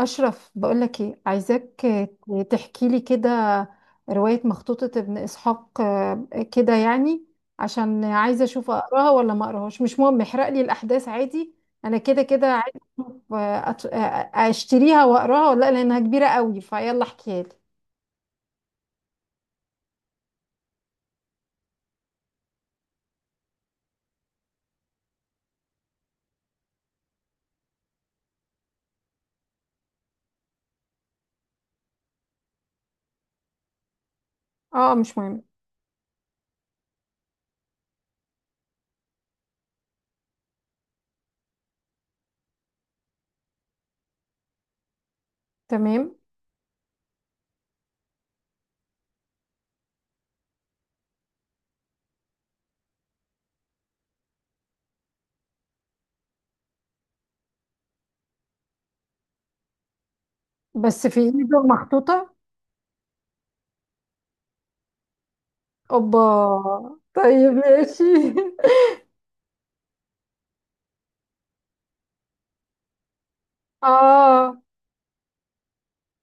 أشرف، بقولك إيه؟ عايزاك تحكي لي كده رواية مخطوطة ابن إسحاق، كده يعني. عشان عايزة أشوف أقراها ولا ما أقراهاش. مش مهم، احرق لي الأحداث عادي. أنا كده كده عايزة أشوف. أشتريها وأقراها ولا لأ، لأنها كبيرة قوي. فيلا احكيها لي. أه، مش مهم. تمام. بس في إيده مخطوطة. أوبا. طيب ماشي أه.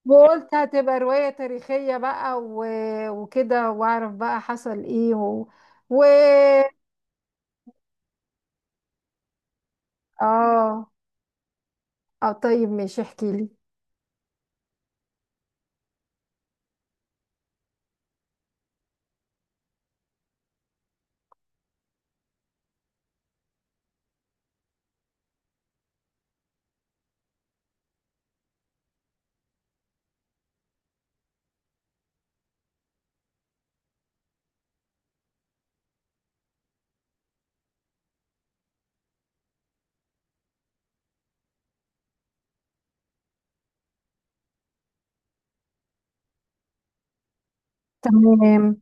وقلت هتبقى رواية تاريخية بقى وكده واعرف بقى حصل ايه و اه. اه طيب ماشي، احكي لي. تمام.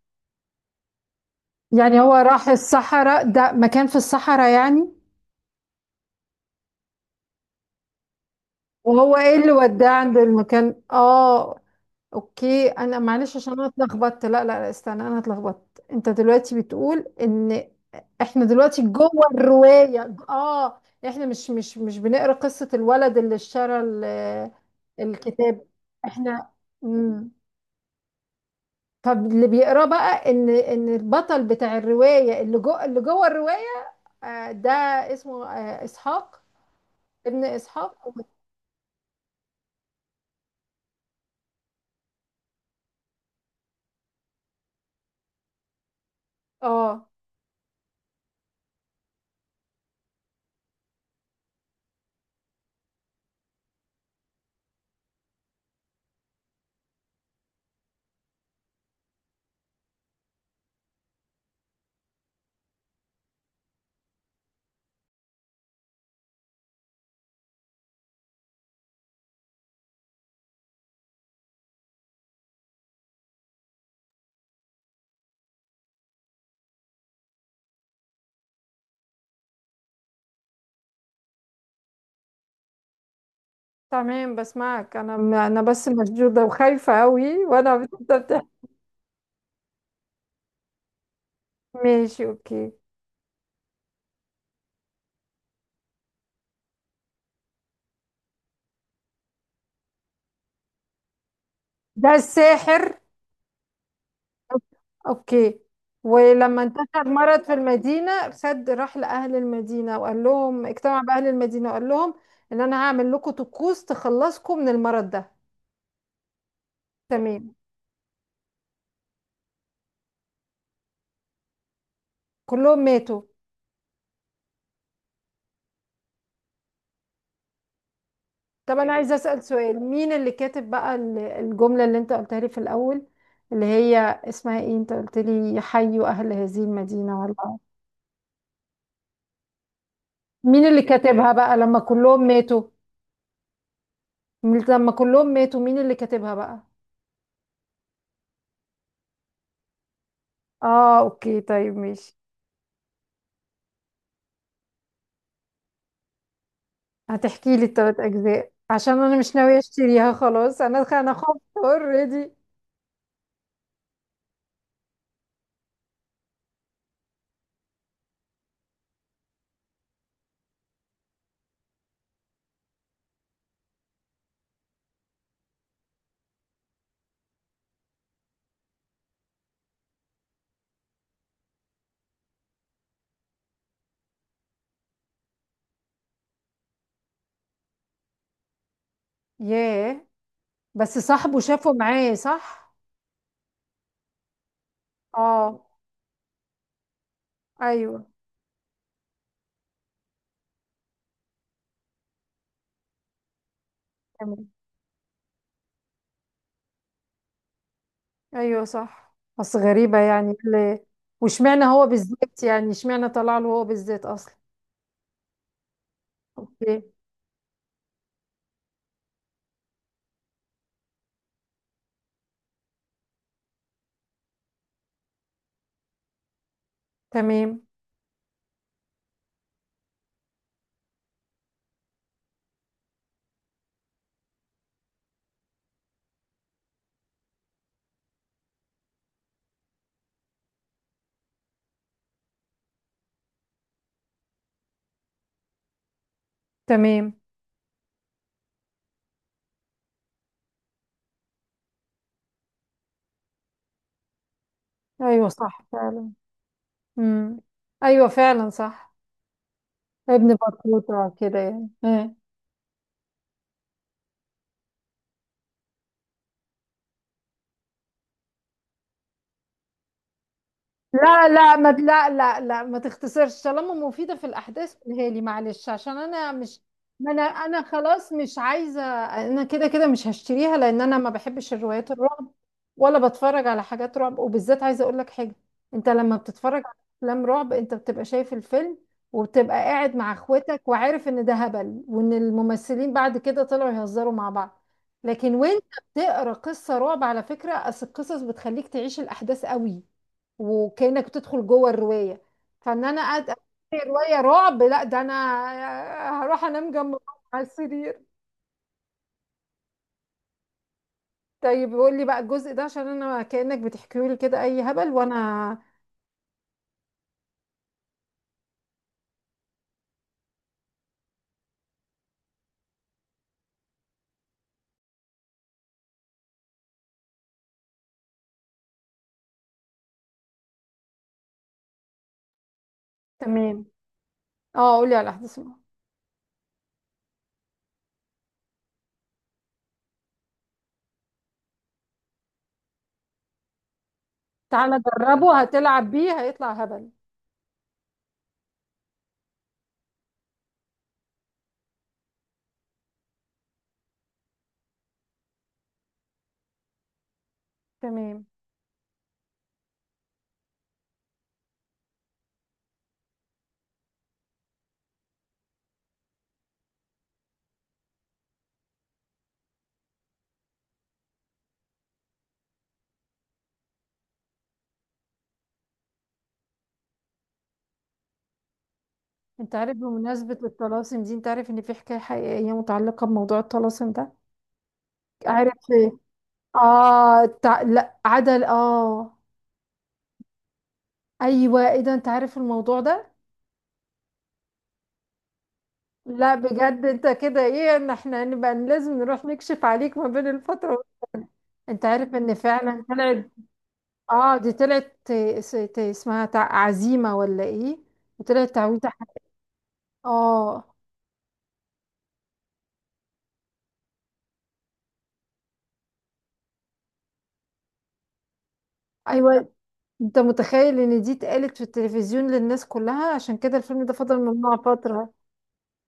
يعني هو راح الصحراء؟ ده مكان في الصحراء يعني. وهو ايه اللي وداه عند المكان؟ اه. اوكي، انا معلش عشان انا اتلخبطت. لا، استنى، انا اتلخبطت. انت دلوقتي بتقول ان احنا دلوقتي جوه الرواية؟ اه. احنا مش بنقرا قصة الولد اللي اشترى ال- الكتاب؟ احنا. مم. طب اللي بيقراه بقى ان البطل بتاع الرواية اللي جوه، اللي جوه الرواية، ده اسمه اسحاق؟ ابن اسحاق. اه تمام، بسمعك. انا بس مشدوده وخايفه قوي وانا بتبدا. ماشي اوكي. ده الساحر. اوكي. ولما انتشر مرض في المدينة سد، راح لأهل المدينة وقال لهم، اجتمع بأهل المدينة وقال لهم، ان انا هعمل لكم طقوس تخلصكم من المرض ده. تمام. كلهم ماتوا. طب انا عايزة أسأل سؤال، مين اللي كاتب بقى ال- الجملة اللي انت قلتها لي في الأول، اللي هي اسمها ايه؟ انت قلت لي حيوا أهل هذه المدينة ولا. مين اللي كاتبها بقى لما كلهم ماتوا؟ لما كلهم ماتوا مين اللي كاتبها بقى؟ اه اوكي، طيب ماشي. هتحكي لي التلات اجزاء؟ عشان انا مش ناوية اشتريها خلاص. انا خفت اوريدي. ياه. بس صاحبه شافه معاه صح؟ اه. ايوه. تمام. ايوه صح، بس غريبة يعني اللي. واشمعنى هو بالذات يعني؟ اشمعنى طلع له هو بالذات اصلا؟ اوكي. تمام. تمام. ايوه صح فعلا. امم. ايوه فعلا صح. ابن بطوطة كده يعني. لا، ما تختصرش طالما مفيدة في الأحداث، قولها لي معلش عشان أنا مش. ما أنا خلاص مش عايزة. أنا كده كده مش هشتريها لأن أنا ما بحبش الروايات الرعب، ولا بتفرج على حاجات رعب. وبالذات عايزة أقول لك حاجة، أنت لما بتتفرج على أفلام رعب أنت بتبقى شايف الفيلم، وبتبقى قاعد مع إخواتك وعارف إن ده هبل وإن الممثلين بعد كده طلعوا يهزروا مع بعض. لكن وأنت بتقرأ قصة رعب، على فكرة أصل القصص بتخليك تعيش الأحداث قوي، وكأنك بتدخل جوه الرواية. فان انا قاعد أقرأ رواية رعب؟ لا ده انا هروح انام جنب على السرير. طيب قول لي بقى الجزء ده عشان انا كأنك بتحكي لي كده اي هبل وانا. تمام. اه قول لي على الاحداث. تعالى جربه هتلعب بيه هيطلع هبل. تمام. انت عارف بمناسبة الطلاسم دي، انت عارف ان في حكاية حقيقية متعلقة بموضوع الطلاسم ده؟ عارف ايه؟ اه تع-. لا عدل اه. ايوه، ايه ده؟ انت عارف الموضوع ده؟ لا بجد، انت كده ايه. ان احنا نبقى لازم نروح نكشف عليك ما بين الفترة وال-. انت عارف ان فعلا طلعت. اه دي طلعت ت- س- ت- اسمها تع- عزيمة ولا ايه؟ وطلعت تعويضة ح-. اه. ايوه. انت متخيل ان دي اتقالت في التلفزيون للناس كلها؟ عشان كده الفيلم ده فضل ممنوع فترة.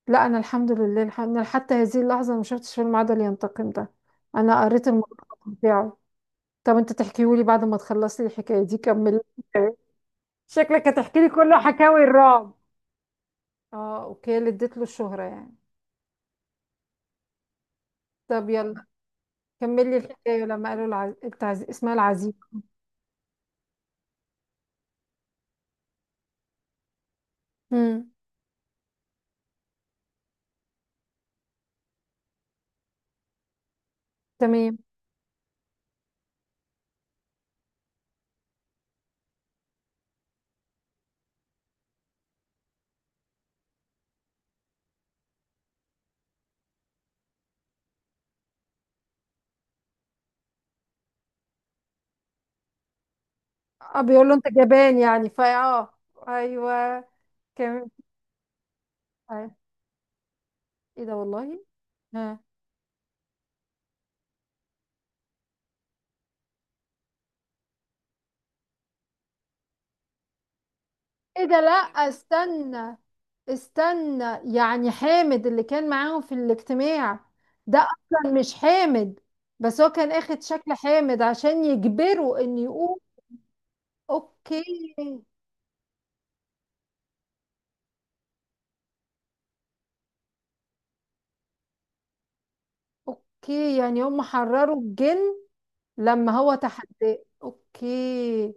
لا انا الحمد لله الح- انا حتى هذه اللحظة ما شفتش فيلم عدل ينتقم ده، انا قريت الملخص بتاعه. طب انت تحكيهولي بعد ما تخلصي الحكاية دي، كمل. شكلك هتحكي لي كل حكاوي الرعب. اه اوكي، اللي اديت له الشهرة يعني. طب يلا، كمل لي الحكاية. لما قالوا العز- التعز- اسمها العزيز. امم. تمام. اه، بيقول له انت جبان يعني فا اه. ايوه، كمل. آه. ايه ده والله. ها. ايه ده؟ لا استنى، استنى. يعني حامد اللي كان معاهم في الاجتماع ده اصلا مش حامد؟ بس هو كان اخد شكل حامد عشان يجبره ان يقول. اوكي. اوكي. يعني هم حرروا الجن لما هو تحداه؟ اوكي.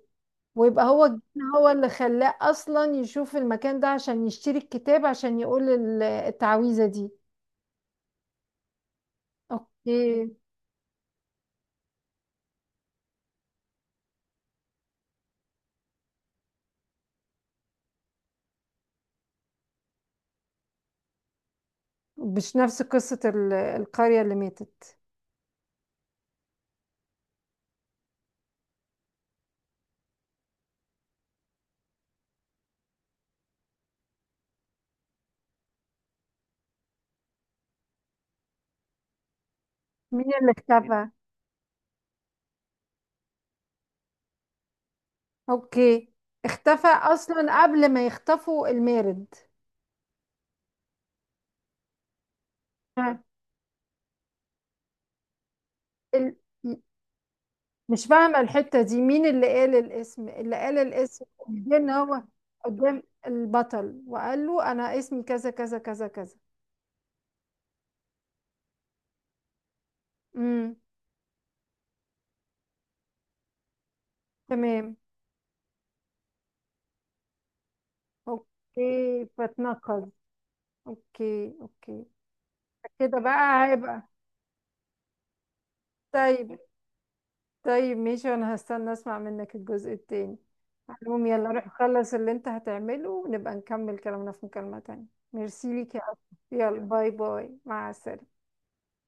ويبقى هو الجن هو اللي خلاه اصلا يشوف المكان ده عشان يشتري الكتاب عشان يقول ال- التعويذة دي. اوكي. مش نفس قصة ال- القرية اللي ماتت؟ مين اللي اختفى؟ اوكي. اختفى اصلا قبل ما يختفوا المارد؟ ها. ال-. مش فاهمة الحتة دي، مين اللي قال الاسم؟ اللي قال الاسم قدام هو. قدام البطل وقال له أنا اسمي كذا كذا كذا كذا. امم. تمام. اوكي، فاتنقل. اوكي اوكي. كده بقى هيبقى. طيب. طيب ماشي، وانا هستنى اسمع منك الجزء التاني. المهم يلا روح خلص اللي انت هتعمله ونبقى نكمل كلامنا في مكالمة تانية. ميرسي ليك يا أسماء. يلا باي باي، مع السلامة.